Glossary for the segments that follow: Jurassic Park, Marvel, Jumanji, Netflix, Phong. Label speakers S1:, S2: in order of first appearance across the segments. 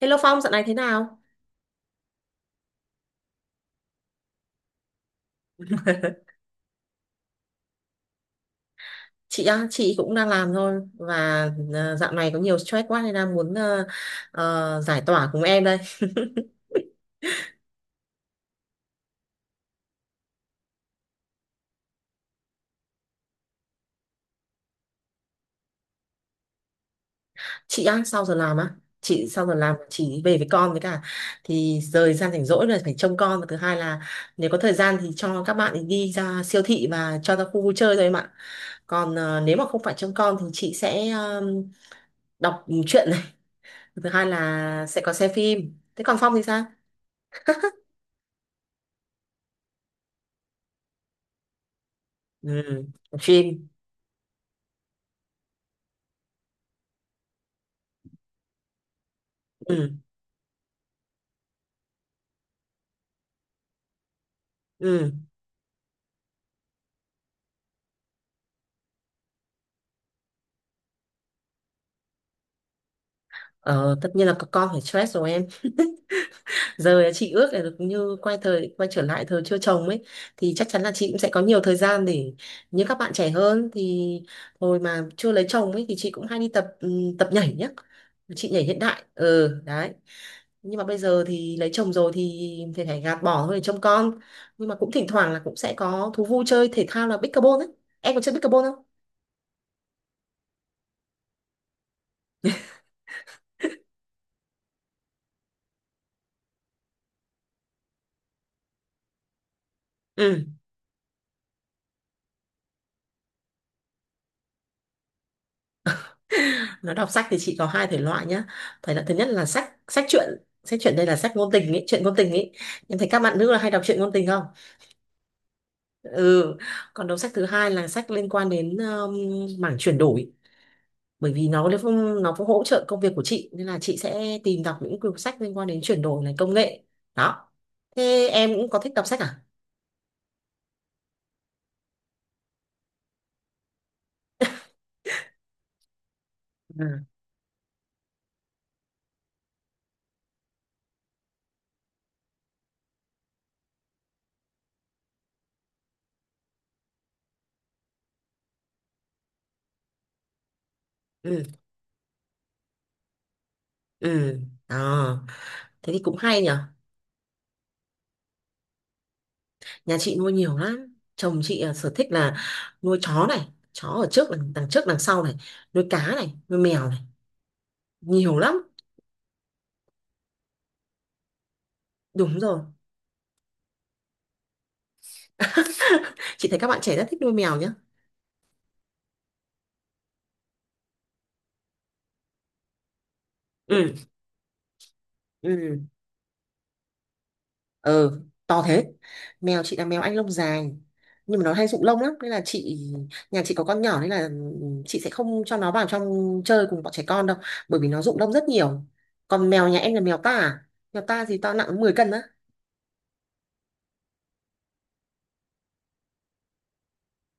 S1: Hello Phong, dạo này thế nào? Chị á, chị cũng đang làm thôi và dạo này có nhiều stress quá nên đang muốn giải tỏa cùng em đây. Chị á, sau giờ làm á, chị sau giờ làm chị về với con với cả, thì thời gian rảnh rỗi là phải trông con, và thứ hai là nếu có thời gian thì cho các bạn ấy đi ra siêu thị và cho ra khu vui chơi thôi em ạ. Còn nếu mà không phải trông con thì chị sẽ đọc truyện này, thứ hai là sẽ có xem phim. Thế còn Phong thì sao? Ừ, phim. Ừ, ừ. Ờ, tất nhiên là có con phải stress rồi em. Giờ chị ước là được như quay trở lại thời chưa chồng ấy thì chắc chắn là chị cũng sẽ có nhiều thời gian để như các bạn trẻ hơn. Thì hồi mà chưa lấy chồng ấy thì chị cũng hay đi tập tập nhảy nhá, chị nhảy hiện đại, ừ, đấy. Nhưng mà bây giờ thì lấy chồng rồi thì phải gạt bỏ thôi để trông con, nhưng mà cũng thỉnh thoảng là cũng sẽ có thú vui chơi thể thao là pickleball ấy. Em có chơi pickleball không? Ừ. Nói đọc sách thì chị có hai thể loại nhá. Thể loại thứ nhất là sách sách truyện đây là sách ngôn tình ý, truyện ngôn tình ý. Em thấy các bạn nữ là hay đọc truyện ngôn tình không? Ừ. Còn đầu sách thứ hai là sách liên quan đến mảng chuyển đổi. Bởi vì nó cũng hỗ trợ công việc của chị nên là chị sẽ tìm đọc những quyển sách liên quan đến chuyển đổi này, công nghệ. Đó. Thế em cũng có thích đọc sách à? Ừ. Ừ. Ừ. Đó. Thế thì cũng hay nhỉ. Nhà chị nuôi nhiều lắm, chồng chị à, sở thích là nuôi chó này, chó ở trước đằng trước đằng sau này, nuôi cá này, nuôi mèo này, nhiều lắm. Đúng rồi. Chị thấy các bạn trẻ rất thích nuôi mèo nhá. Ừ. Ừ. Ừ. To thế. Mèo chị là mèo Anh lông dài, nhưng mà nó hay rụng lông lắm nên là chị, nhà chị có con nhỏ nên là chị sẽ không cho nó vào trong chơi cùng bọn trẻ con đâu, bởi vì nó rụng lông rất nhiều. Còn mèo nhà em là mèo ta à? Mèo ta thì to, nặng 10 cân á.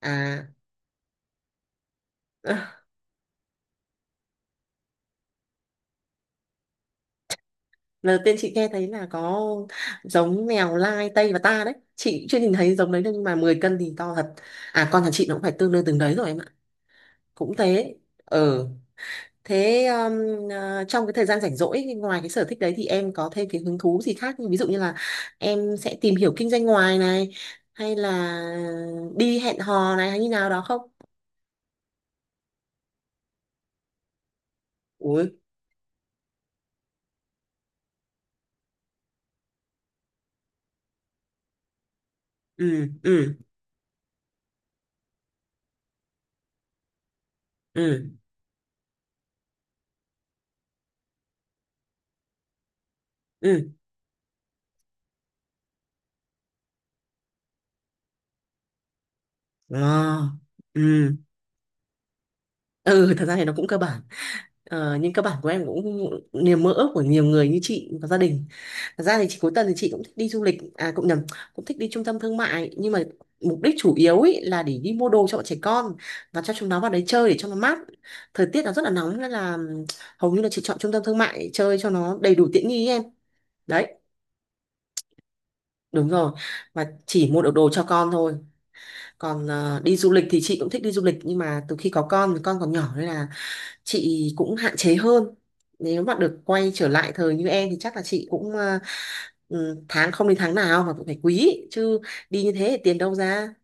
S1: À. Lần đầu tiên chị nghe thấy là có giống mèo lai Tây và ta đấy, chị chưa nhìn thấy giống đấy, nhưng mà 10 cân thì to thật. À, con nhà chị nó cũng phải tương đương từng đấy rồi em ạ, cũng thế. Ừ. Thế à, trong cái thời gian rảnh rỗi ngoài cái sở thích đấy thì em có thêm cái hứng thú gì khác, như ví dụ như là em sẽ tìm hiểu kinh doanh ngoài này, hay là đi hẹn hò này, hay như nào đó không? Ui. Ừ. Ừ. Ừ. Ừ. À, ừ. Ừ, thật ra thì nó cũng cơ bản. Ờ, nhưng cơ bản của em cũng niềm mơ ước của nhiều người như chị và gia đình. Thật ra thì chị cuối tuần thì chị cũng thích đi du lịch, à cũng nhầm, cũng thích đi trung tâm thương mại. Nhưng mà mục đích chủ yếu ý là để đi mua đồ cho bọn trẻ con và cho chúng nó vào đấy chơi để cho nó mát. Thời tiết nó rất là nóng nên là hầu như là chị chọn trung tâm thương mại chơi cho nó đầy đủ tiện nghi ý em. Đấy. Đúng rồi, và chỉ mua được đồ cho con thôi. Còn đi du lịch thì chị cũng thích đi du lịch, nhưng mà từ khi có con thì con còn nhỏ nên là chị cũng hạn chế hơn. Nếu mà được quay trở lại thời như em thì chắc là chị cũng à, ừ, tháng không đến tháng nào mà cũng phải quý chứ, đi như thế thì tiền đâu ra.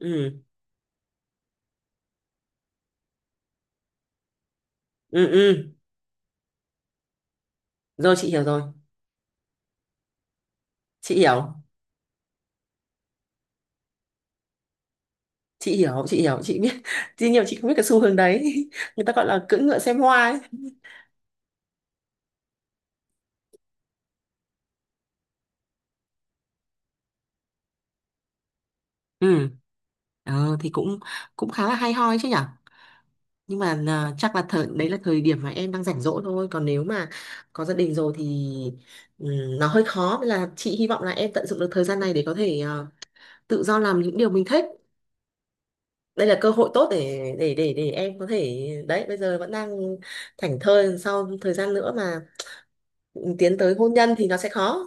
S1: Ừ. Ừ. Ừ. Rồi, chị hiểu rồi, chị hiểu, chị hiểu, chị hiểu, chị biết. Tuy nhiều chị không biết cái xu hướng đấy. Người ta gọi là cưỡi ngựa xem hoa ấy. Ừ. Thì cũng cũng khá là hay ho ấy chứ nhở. Nhưng mà à, chắc là thời đấy là thời điểm mà em đang rảnh rỗi thôi, còn nếu mà có gia đình rồi thì ừm, nó hơi khó, nên là chị hy vọng là em tận dụng được thời gian này để có thể à, tự do làm những điều mình thích. Đây là cơ hội tốt để em có thể đấy, bây giờ vẫn đang thảnh thơi, sau thời gian nữa mà tiến tới hôn nhân thì nó sẽ khó.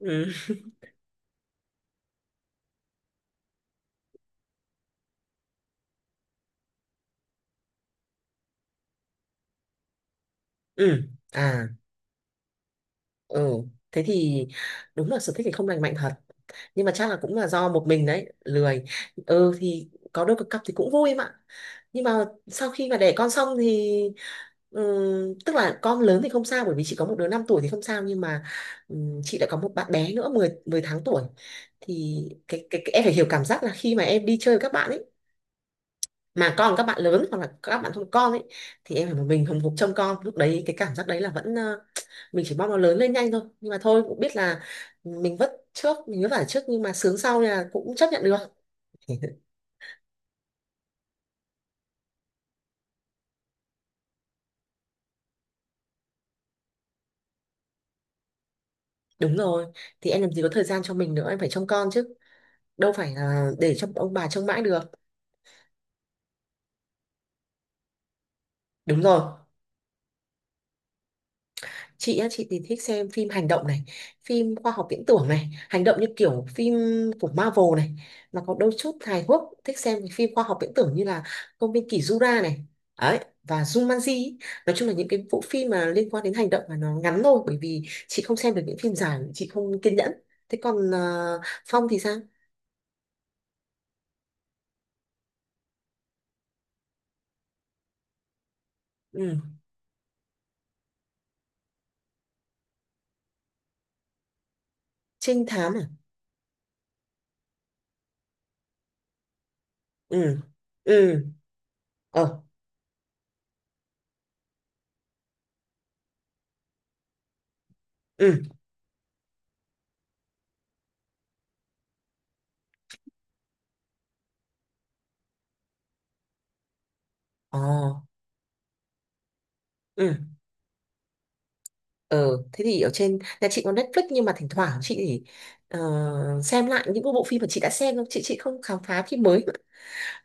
S1: Ừ. Ừ. À. Ừ. Thế thì đúng là sở thích thì không lành mạnh thật, nhưng mà chắc là cũng là do một mình đấy lười. Ừ, thì có đôi cặp thì cũng vui em ạ. Nhưng mà sau khi mà đẻ con xong thì tức là con lớn thì không sao, bởi vì chị có một đứa 5 tuổi thì không sao, nhưng mà chị đã có một bạn bé nữa 10 10 tháng tuổi, thì cái em phải hiểu cảm giác là khi mà em đi chơi với các bạn ấy mà còn các bạn lớn hoặc là các bạn không có con ấy, thì em phải một mình hùng hục trông con, lúc đấy cái cảm giác đấy là vẫn mình chỉ mong nó lớn lên nhanh thôi. Nhưng mà thôi cũng biết là mình vất vả trước nhưng mà sướng sau, nên là cũng chấp nhận được. Đúng rồi, thì em làm gì có thời gian cho mình nữa, em phải trông con chứ, đâu phải là để cho ông bà trông mãi được. Đúng rồi, chị á, chị thì thích xem phim hành động này, phim khoa học viễn tưởng này, hành động như kiểu phim của Marvel này, mà có đôi chút hài hước, thích xem cái phim khoa học viễn tưởng như là công viên kỷ Jura này ấy, và Jumanji ý. Nói chung là những cái bộ phim mà liên quan đến hành động mà nó ngắn thôi, bởi vì chị không xem được những phim dài, chị không kiên nhẫn. Thế còn Phong thì sao? Ừ. Trinh thám à? Ừ. Ừ. Ờ. Ừ. Ờ. Ừ. Ờ, thế thì ở trên nhà chị có Netflix, nhưng mà thỉnh thoảng chị thì, ờ, xem lại những cái bộ phim mà chị đã xem thôi, chị không khám phá phim mới,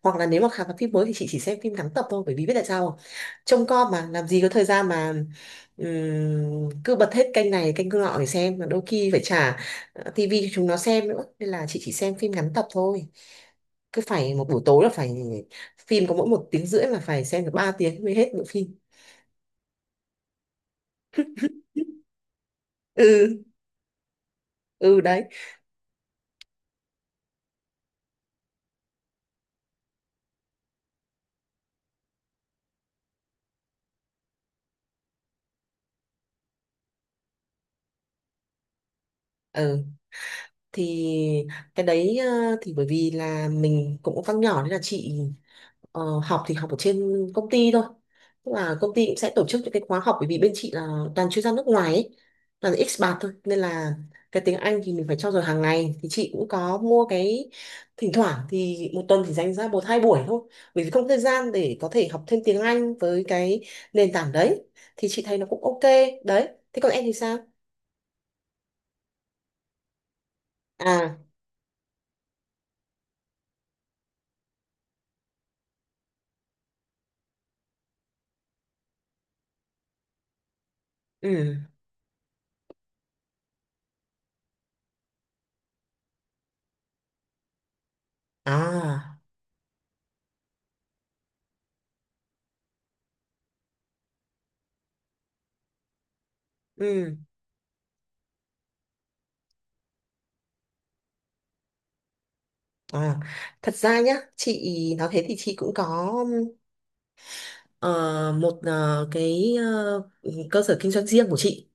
S1: hoặc là nếu mà khám phá phim mới thì chị chỉ xem phim ngắn tập thôi, bởi vì biết tại sao không? Trông con mà làm gì có thời gian mà cứ bật hết kênh này kênh nọ để xem, mà đôi khi phải trả tivi cho chúng nó xem nữa, nên là chị chỉ xem phim ngắn tập thôi. Cứ phải một buổi tối là phải phim có mỗi một tiếng rưỡi là phải xem được 3 tiếng mới hết bộ phim. Ừ. Ừ đấy. Ừ thì cái đấy thì bởi vì là mình cũng có con nhỏ nên là chị học thì học ở trên công ty thôi, tức là công ty cũng sẽ tổ chức những cái khóa học, bởi vì bên chị là toàn chuyên gia nước ngoài ấy, toàn expat thôi, nên là cái tiếng Anh thì mình phải trau dồi hàng ngày, thì chị cũng có mua cái, thỉnh thoảng thì một tuần thì dành ra một hai buổi thôi, bởi vì không có thời gian để có thể học thêm tiếng Anh với cái nền tảng đấy, thì chị thấy nó cũng ok. Đấy, thế còn em thì sao? À. Ừ. À. Ừ. À, thật ra nhá, chị nói thế thì chị cũng có ờ, một cái cơ sở kinh doanh riêng của chị,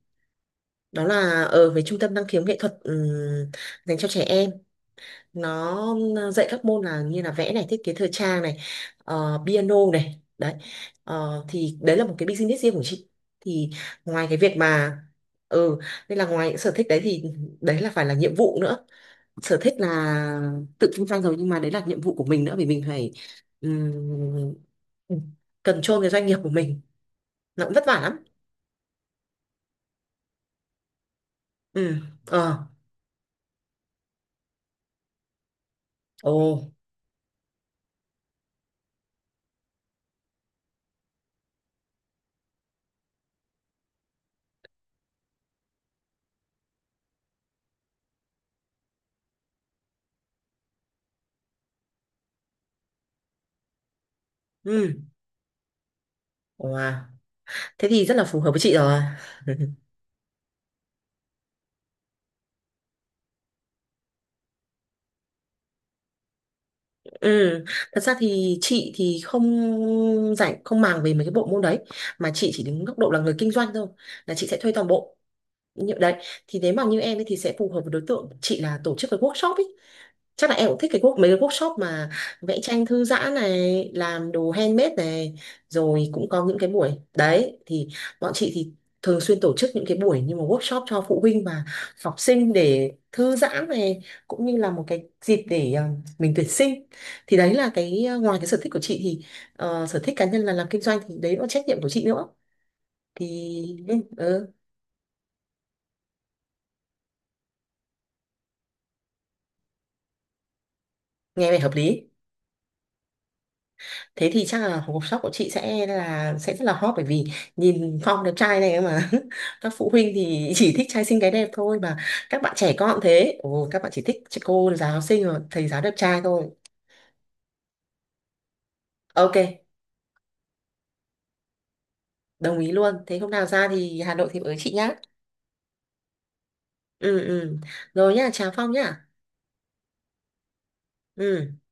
S1: đó là ở với trung tâm năng khiếu nghệ thuật dành cho trẻ em, nó dạy các môn là như là vẽ này, thiết kế thời trang này, piano này, đấy. Ờ, thì đấy là một cái business riêng của chị, thì ngoài cái việc mà ừ, nên là ngoài những sở thích đấy thì đấy là phải là nhiệm vụ nữa. Sở thích là tự kinh doanh rồi nhưng mà đấy là nhiệm vụ của mình nữa, vì mình phải um, control cái doanh nghiệp của mình, nó cũng vất vả lắm. Ừ. Ờ. Ồ. Ừ. Wow. Thế thì rất là phù hợp với chị rồi. Ừ, thật ra thì chị thì không không màng về mấy cái bộ môn đấy, mà chị chỉ đứng góc độ là người kinh doanh thôi, là chị sẽ thuê toàn bộ như đấy. Thì nếu mà như em ấy thì sẽ phù hợp với đối tượng chị là tổ chức cái workshop ấy, chắc là em cũng thích cái quốc mấy cái workshop mà vẽ tranh thư giãn này, làm đồ handmade này, rồi cũng có những cái buổi, đấy, thì bọn chị thì thường xuyên tổ chức những cái buổi như một workshop cho phụ huynh và học sinh để thư giãn này, cũng như là một cái dịp để mình tuyển sinh. Thì đấy là cái ngoài cái sở thích của chị thì sở thích cá nhân là làm kinh doanh thì đấy là trách nhiệm của chị nữa, thì ừ, ừ. Nghe vẻ hợp lý. Thế thì chắc là hộp shop của chị sẽ là sẽ rất là hot, bởi vì nhìn Phong đẹp trai này mà, các phụ huynh thì chỉ thích trai xinh gái đẹp thôi mà, các bạn trẻ con thế, ồ, các bạn chỉ thích chị cô giáo xinh rồi thầy giáo đẹp trai thôi. Ok, đồng ý luôn. Thế hôm nào ra thì Hà Nội thì với chị nhá. Ừ. Ừ. Rồi nhá, chào Phong nhá. Ừ.